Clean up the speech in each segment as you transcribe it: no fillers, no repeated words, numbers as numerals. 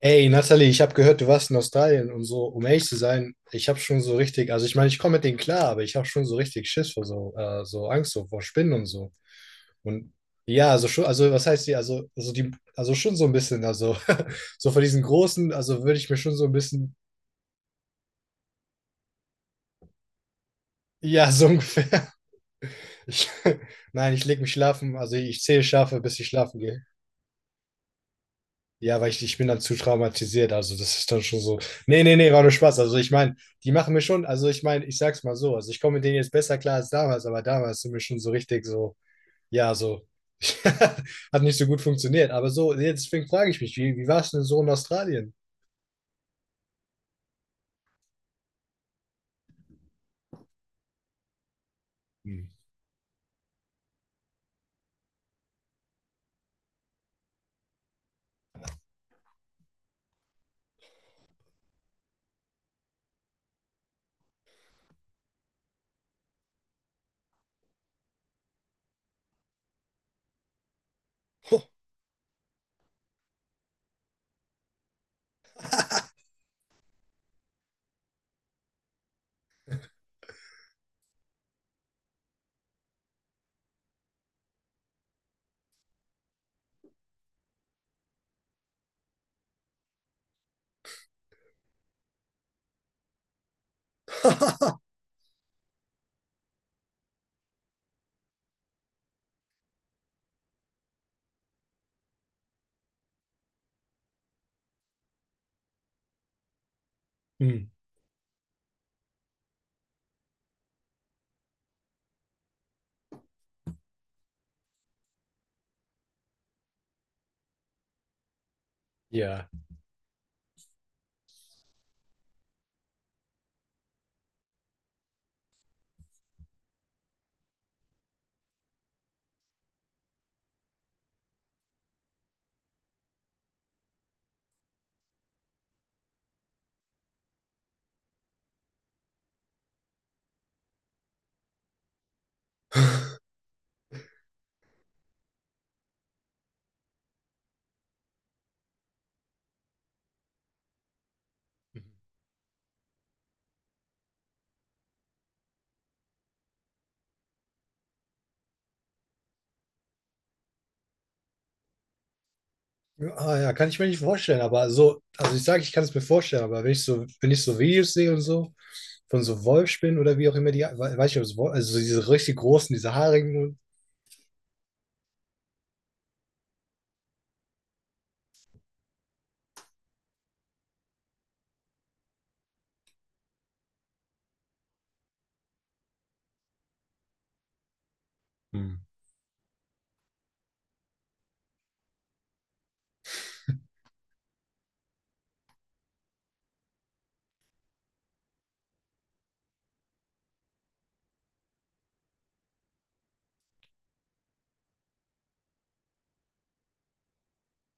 Ey, Nathalie, ich habe gehört, du warst in Australien und so. Um ehrlich zu sein, ich habe schon so richtig, also ich meine, ich komme mit denen klar, aber ich habe schon so richtig Schiss vor so, so Angst so vor Spinnen und so. Und ja, also schon, also was heißt die, also die, also schon so ein bisschen, also so vor diesen großen, also würde ich mir schon so ein bisschen, ja, so ungefähr. Ich, nein, ich leg mich schlafen, also ich zähle Schafe, bis ich schlafen gehe. Ja, weil ich bin dann zu traumatisiert. Also, das ist dann schon so. Nee, nee, nee, war nur Spaß. Also, ich meine, die machen mir schon, also ich meine, ich sag's mal so, also ich komme mit denen jetzt besser klar als damals, aber damals sind wir schon so richtig so, ja, so. Hat nicht so gut funktioniert. Aber so, jetzt, deswegen frage ich mich, wie war es denn so in Australien? Hm. Hm. Ja. Ah, ja, kann ich mir nicht vorstellen, aber so, also ich sage, ich kann es mir vorstellen, aber wenn ich so, wenn ich so Videos sehe und so, von so Wolfsspinnen oder wie auch immer die, weiß ich, ob es also so diese richtig großen, diese haarigen. Hm.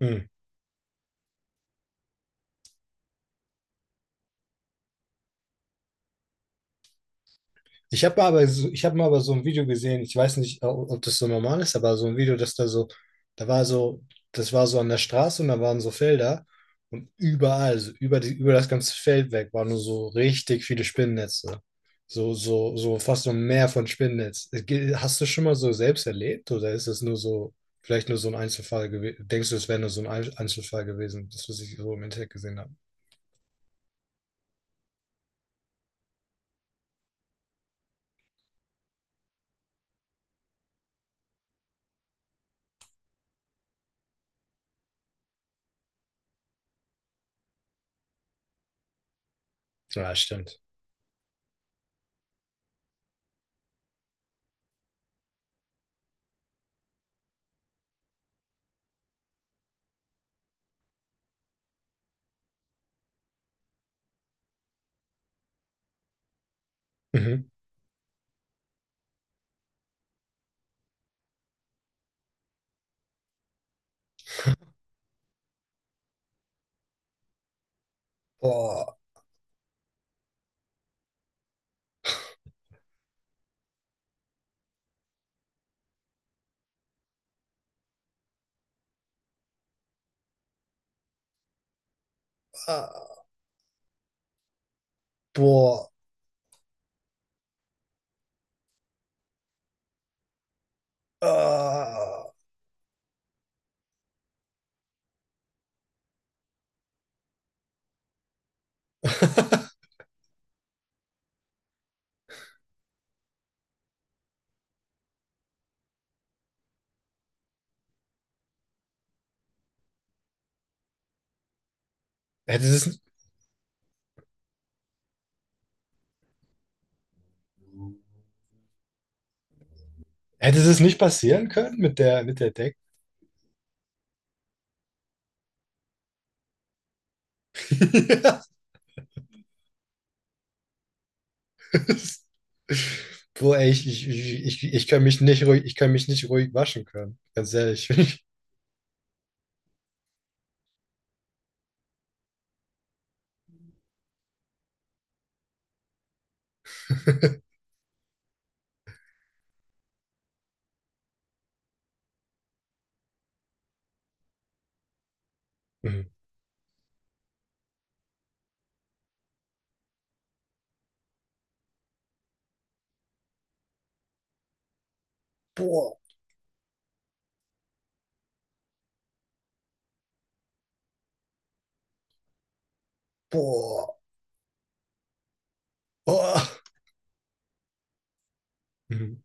Hm. Ich habe aber, so, ich habe mal aber so ein Video gesehen, ich weiß nicht, ob das so normal ist, aber so ein Video, dass da so, da war so, das war so an der Straße und da waren so Felder und überall, so über das ganze Feld weg, waren nur so richtig viele Spinnennetze. So fast so ein Meer von Spinnennetz. Hast du schon mal so selbst erlebt oder ist es nur so, vielleicht nur so ein Einzelfall gewesen? Denkst du, es wäre nur so ein Einzelfall gewesen, das, was ich so im Internet gesehen habe? Ja, stimmt. Mhm. Boah, ah, boah, ah. Hätte es, hätte es nicht passieren können mit der, Deck? Ja. Boah, ey, ich kann mich nicht ruhig, ich kann mich nicht ruhig waschen können. Ganz ehrlich. Mhm. Boah, boah, boah. Mhm.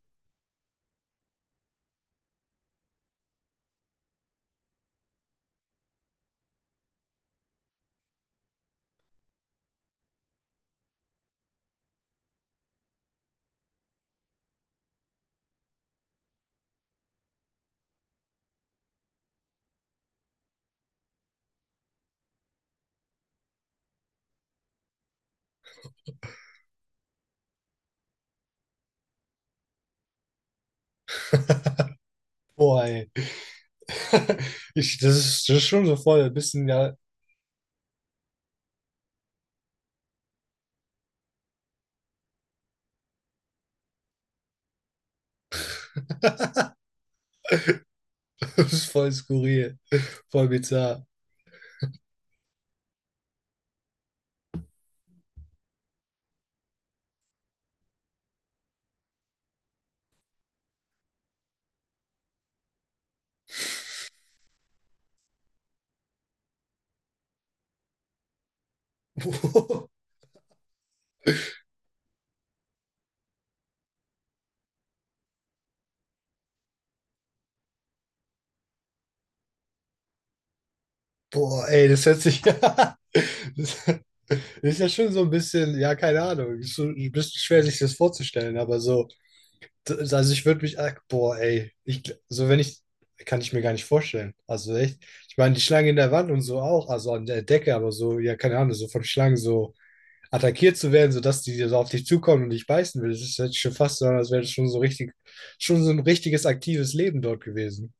Boah, ey. Das ist schon so voll ein bisschen, ja, das ist voll skurril, voll bizarr. Boah, ey, das hört sich ja. Das ist ja schon so ein bisschen, ja, keine Ahnung. Ist so ein bisschen schwer, sich das vorzustellen, aber so. Also, ich würde mich. Ach, boah, ey. So, wenn ich. Kann ich mir gar nicht vorstellen. Also, echt. Ich meine, die Schlange in der Wand und so auch. Also, an der Decke, aber so, ja, keine Ahnung. So von Schlangen so attackiert zu werden, sodass die so auf dich zukommen und dich beißen will. Das ist jetzt schon fast so, als wäre das schon so richtig. Schon so ein richtiges aktives Leben dort gewesen.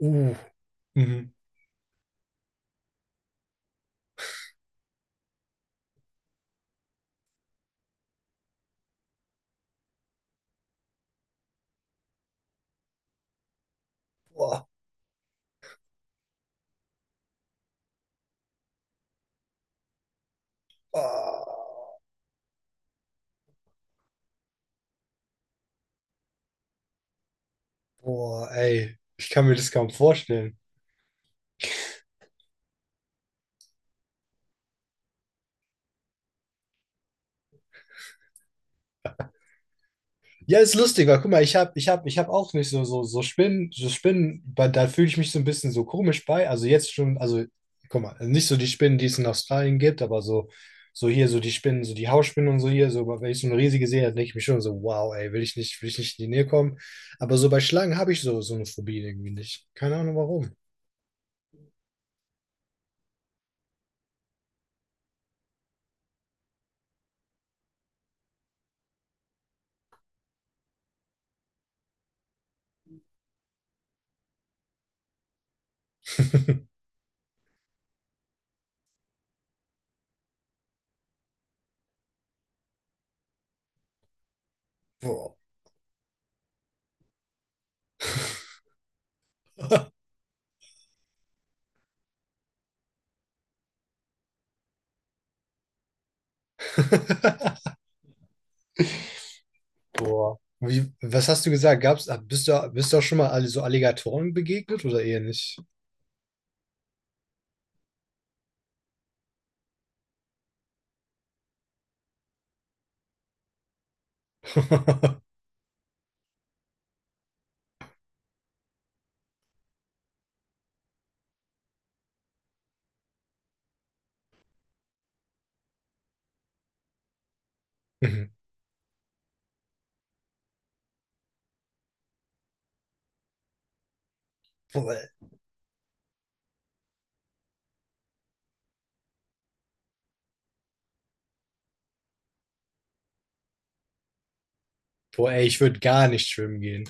Uh. Mhm. Boah. Ah. Boah, ey, ich kann mir das kaum vorstellen. Ja, ist lustig, weil guck mal, ich hab auch nicht so, Spinnen, da fühle ich mich so ein bisschen so komisch bei. Also jetzt schon, also guck mal, nicht so die Spinnen, die es in Australien gibt, aber so, so hier, so die Spinnen, so die Hausspinnen und so hier, so, wenn ich so eine riesige sehe, dann denke ich mir schon so, wow, ey, will ich nicht in die Nähe kommen. Aber so bei Schlangen habe ich so, so eine Phobie irgendwie nicht. Keine Ahnung warum. Boah. Boah. Wie, was hast du gesagt? Bist du auch schon mal alle so Alligatoren begegnet oder eher nicht? Mhm. Boah, boah, ey, ich würde gar nicht schwimmen gehen.